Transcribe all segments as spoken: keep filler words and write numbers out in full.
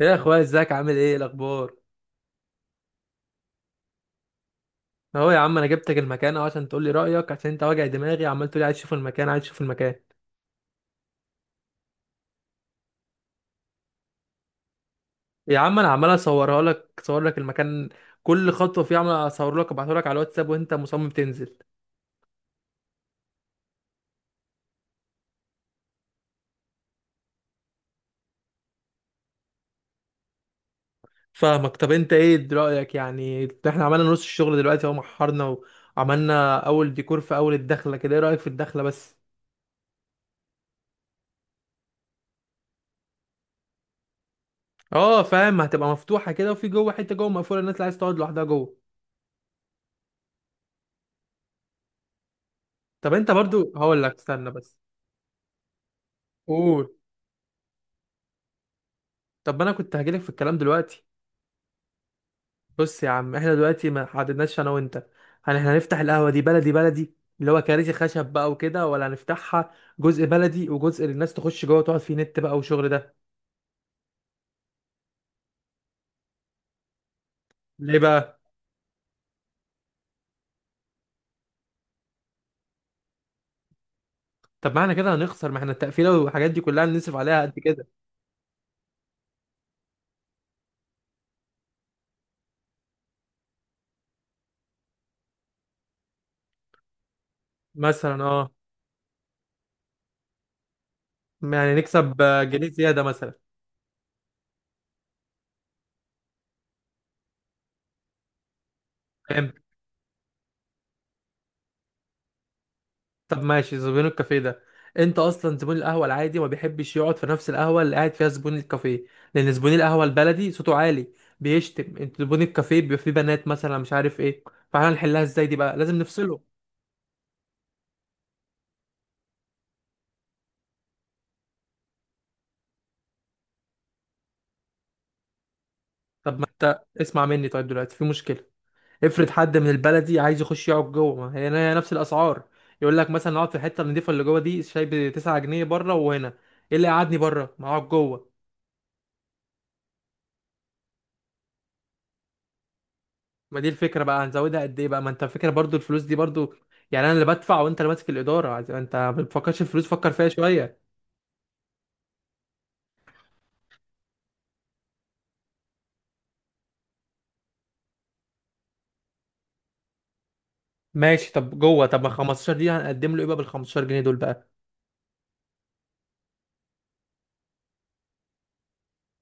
يا اخويا، ازيك؟ عامل ايه؟ إيه الاخبار؟ اهو يا عم انا جبتك المكان اهو عشان تقول لي رايك، عشان انت واجع دماغي عمال تقول لي عايز اشوف المكان عايز اشوف المكان. يا عم انا عمال اصورها لك اصور لك المكان، كل خطوه فيه عمال اصور لك ابعته لك على الواتساب، وانت مصمم تنزل. فاهمك. طب انت ايه رايك؟ يعني احنا عملنا نص الشغل دلوقتي اهو، محرنا وعملنا اول ديكور في اول الدخله كده، ايه رايك في الدخله بس؟ اه فاهم، هتبقى مفتوحه كده، وفي جوه حته جوه مقفوله، الناس اللي عايز تقعد لوحدها جوه. طب انت برضو هقول لك استنى بس. قول. طب ما انا كنت هجيلك في الكلام دلوقتي. بص يا عم، احنا دلوقتي ما حددناش انا وانت، هل احنا هنفتح القهوه دي بلدي بلدي، اللي هو كراسي خشب بقى وكده، ولا هنفتحها جزء بلدي وجزء للناس تخش جوه تقعد فيه نت بقى وشغل ده؟ ليه بقى؟ طب ما احنا كده هنخسر، ما احنا التقفيله والحاجات دي كلها هنصرف عليها قد كده. مثلا اه. يعني نكسب آه، جنيه زياده مثلا. فهمت؟ طب ماشي، زبون الكافيه ده، انت اصلا زبون القهوه العادي ما بيحبش يقعد في نفس القهوه اللي قاعد فيها زبون الكافيه، لان زبون القهوه البلدي صوته عالي بيشتم، انت زبون الكافيه بيبقى فيه بنات مثلا مش عارف ايه، فاحنا نحلها ازاي دي بقى؟ لازم نفصله. طب ما انت اسمع مني، طيب دلوقتي في مشكله، افرض حد من البلدي عايز يخش يقعد جوه، ما هي هي نفس الاسعار، يقول لك مثلا اقعد في الحته النضيفه اللي جوه دي، شاي ب تسعة جنيه بره وهنا، ايه اللي قعدني بره؟ ما اقعد جوه. ما دي الفكره بقى، هنزودها قد ايه بقى؟ ما انت فكره برضو الفلوس دي برضو، يعني انا اللي بدفع وانت اللي ماسك الاداره عايز- انت ما بتفكرش الفلوس، فكر فيها شويه. ماشي طب جوه، طب ما خمستاشر دي هنقدم له ايه بقى؟ بال خمستاشر جنيه دول بقى.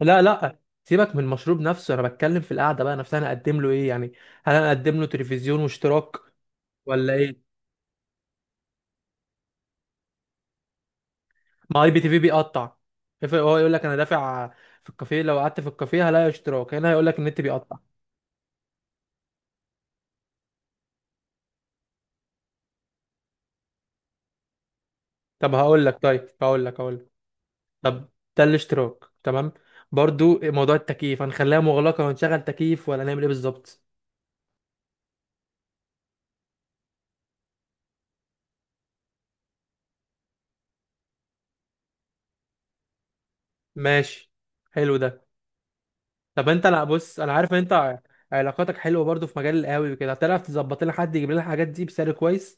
لا لا، سيبك من المشروب نفسه، انا بتكلم في القعده بقى نفسها، هنقدم له ايه يعني؟ هل هنقدم له تلفزيون واشتراك ولا ايه؟ ما اي بي تي في بيقطع، افرض هو يقول لك انا دافع في الكافيه، لو قعدت في الكافيه هلاقي اشتراك هنا، هيقول لك النت بيقطع. طب هقول لك طيب هقول لك هقول لك. طب ده الاشتراك تمام. برضو موضوع التكييف، هنخليها مغلقة ونشغل تكييف ولا نعمل ايه بالظبط؟ ماشي، حلو ده. طب انت لا بص، انا عارف ان انت ع- علاقاتك حلوة برضو في مجال القهاوي وكده، هتعرف تظبط لنا حد يجيب لنا الحاجات دي بسعر كويس.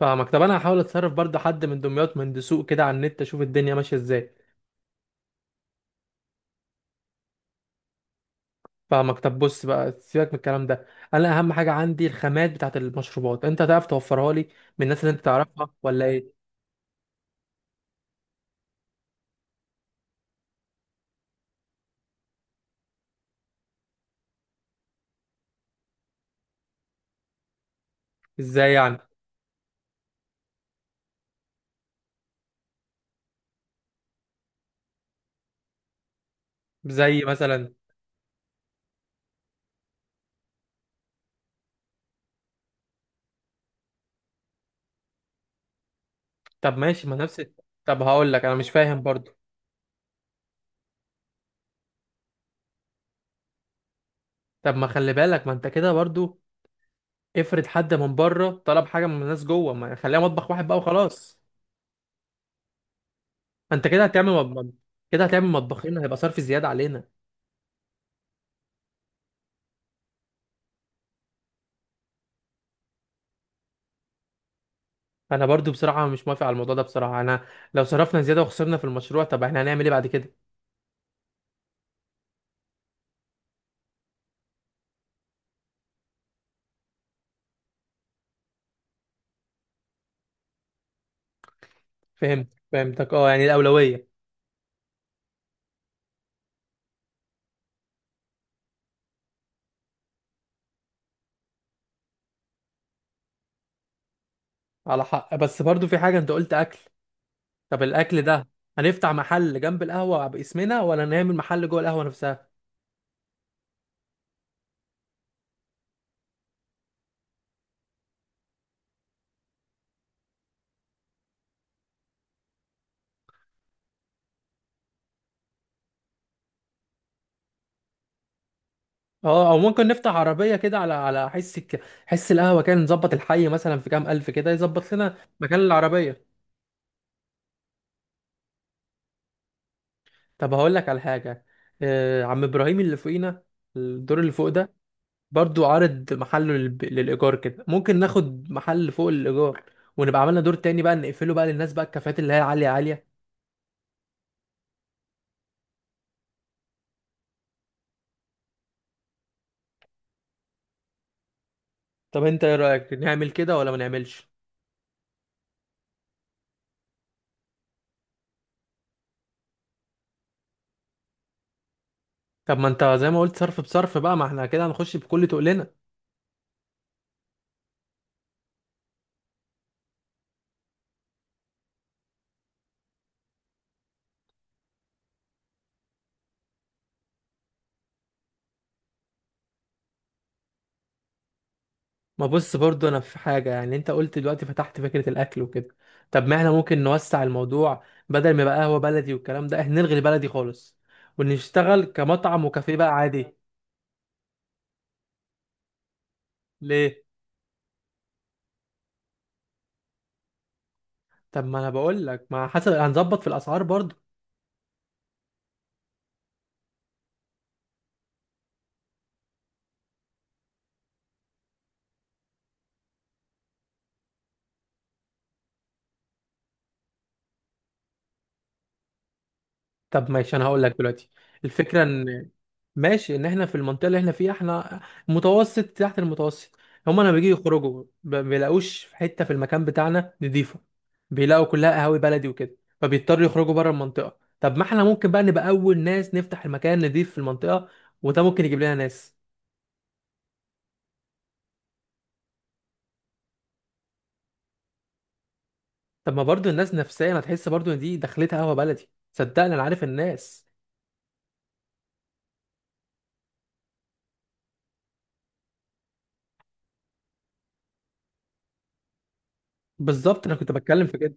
فاهمك. طب انا هحاول اتصرف برضو، حد من دمياط من دسوق كده، على النت اشوف الدنيا ماشية ازاي. فاهمك. طب بص بقى، سيبك من الكلام ده، انا اهم حاجة عندي الخامات بتاعت المشروبات، انت هتعرف توفرها لي من الناس اللي انت تعرفها ولا ايه؟ ازاي يعني؟ زي مثلا. طب ماشي، ما نفس. طب هقول لك، انا مش فاهم برضو. طب ما خلي بالك، ما انت كده برضو، افرض حد من بره طلب حاجه من الناس جوه، ما خليها مطبخ واحد بقى وخلاص. ما انت كده هتعمل مطبخ، كده هتعمل مطبخين، هيبقى صرف زياده علينا. انا برضو بصراحه مش موافق على الموضوع ده، بصراحه انا لو صرفنا زياده وخسرنا في المشروع، طب احنا هنعمل ايه بعد كده؟ فهمت، فهمتك اه، يعني الاولويه. على حق، بس برضو في حاجه، انت قلت اكل، طب الاكل ده هنفتح محل جنب القهوه باسمنا ولا نعمل محل جوه القهوه نفسها؟ اه، او ممكن نفتح عربيه كده على على حس الك... حس القهوه كده، نظبط الحي مثلا في كام الف كده يظبط لنا مكان العربيه. طب هقول لك على حاجه، آه عم ابراهيم اللي فوقينا، الدور اللي فوق ده برضو عارض محله لل... للايجار كده، ممكن ناخد محل فوق الايجار، ونبقى عملنا دور تاني بقى نقفله بقى للناس بقى، الكافيهات اللي هي عاليه عاليه. طب انت ايه رايك، نعمل كده ولا ما نعملش؟ طب ما انت زي ما قلت، صرف بصرف بقى، ما احنا كده هنخش بكل تقلنا. ما بص برضو، انا في حاجه، يعني انت قلت دلوقتي فتحت فكره الاكل وكده، طب ما احنا ممكن نوسع الموضوع، بدل ما يبقى قهوه بلدي والكلام ده، احنا نلغي البلدي خالص ونشتغل كمطعم وكافيه بقى عادي. ليه؟ طب ما انا بقول لك، ما حسب هنظبط في الاسعار برضو. طب ماشي، انا هقول لك دلوقتي الفكره ان، ماشي، ان احنا في المنطقه اللي احنا فيها، احنا متوسط تحت المتوسط، هما لما بيجوا يخرجوا ب- ما بيلاقوش في حته في المكان بتاعنا نضيفه، بيلاقوا كلها قهاوي بلدي وكده، فبيضطروا يخرجوا بره المنطقه، طب ما احنا ممكن بقى نبقى اول ناس نفتح المكان نضيف في المنطقه، وده ممكن يجيب لنا ناس. طب ما برضو الناس نفسيا هتحس برضو ان دي دخلتها قهوه بلدي، صدقني انا عارف الناس. بالظبط، انا كنت بتكلم في كده.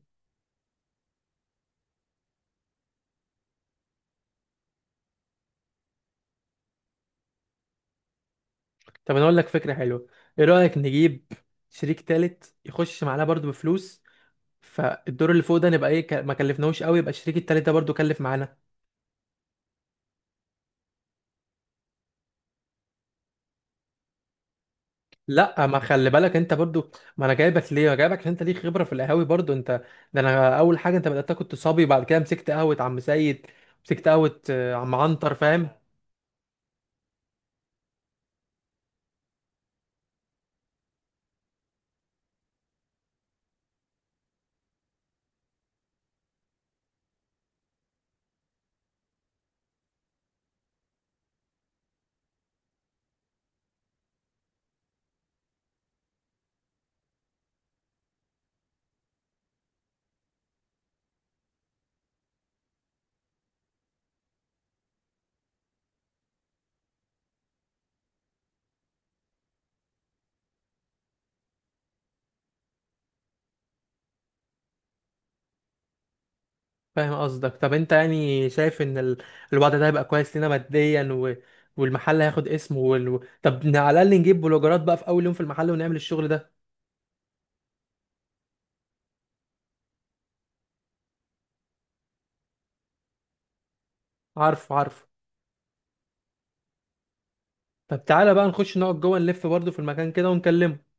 طب انا اقول لك فكره حلوه، ايه رايك نجيب شريك تالت يخش معانا برضو بفلوس، فالدور اللي فوق ده نبقى ايه ك- ما كلفناهوش قوي، يبقى الشريك التالت ده برضو كلف معانا. لا ما خلي بالك انت برضو، ما انا جايبك ليه؟ انا جايبك عشان انت ليك خبره في القهاوي برضو انت، ده انا اول حاجه انت بدات كنت صبي، بعد كده مسكت قهوه عم سيد، مسكت قهوه آه، عم عنتر، فاهم. فاهم قصدك. طب انت يعني شايف ان ال... الوضع ده هيبقى كويس لنا ماديا و... والمحل هياخد اسمه وال... طب على الاقل نجيب بلوجرات بقى في اول يوم في المحل ونعمل الشغل ده. عارفه عارفه. طب تعالى بقى نخش نقعد جوه، نلف برضه في المكان كده ونكلمه.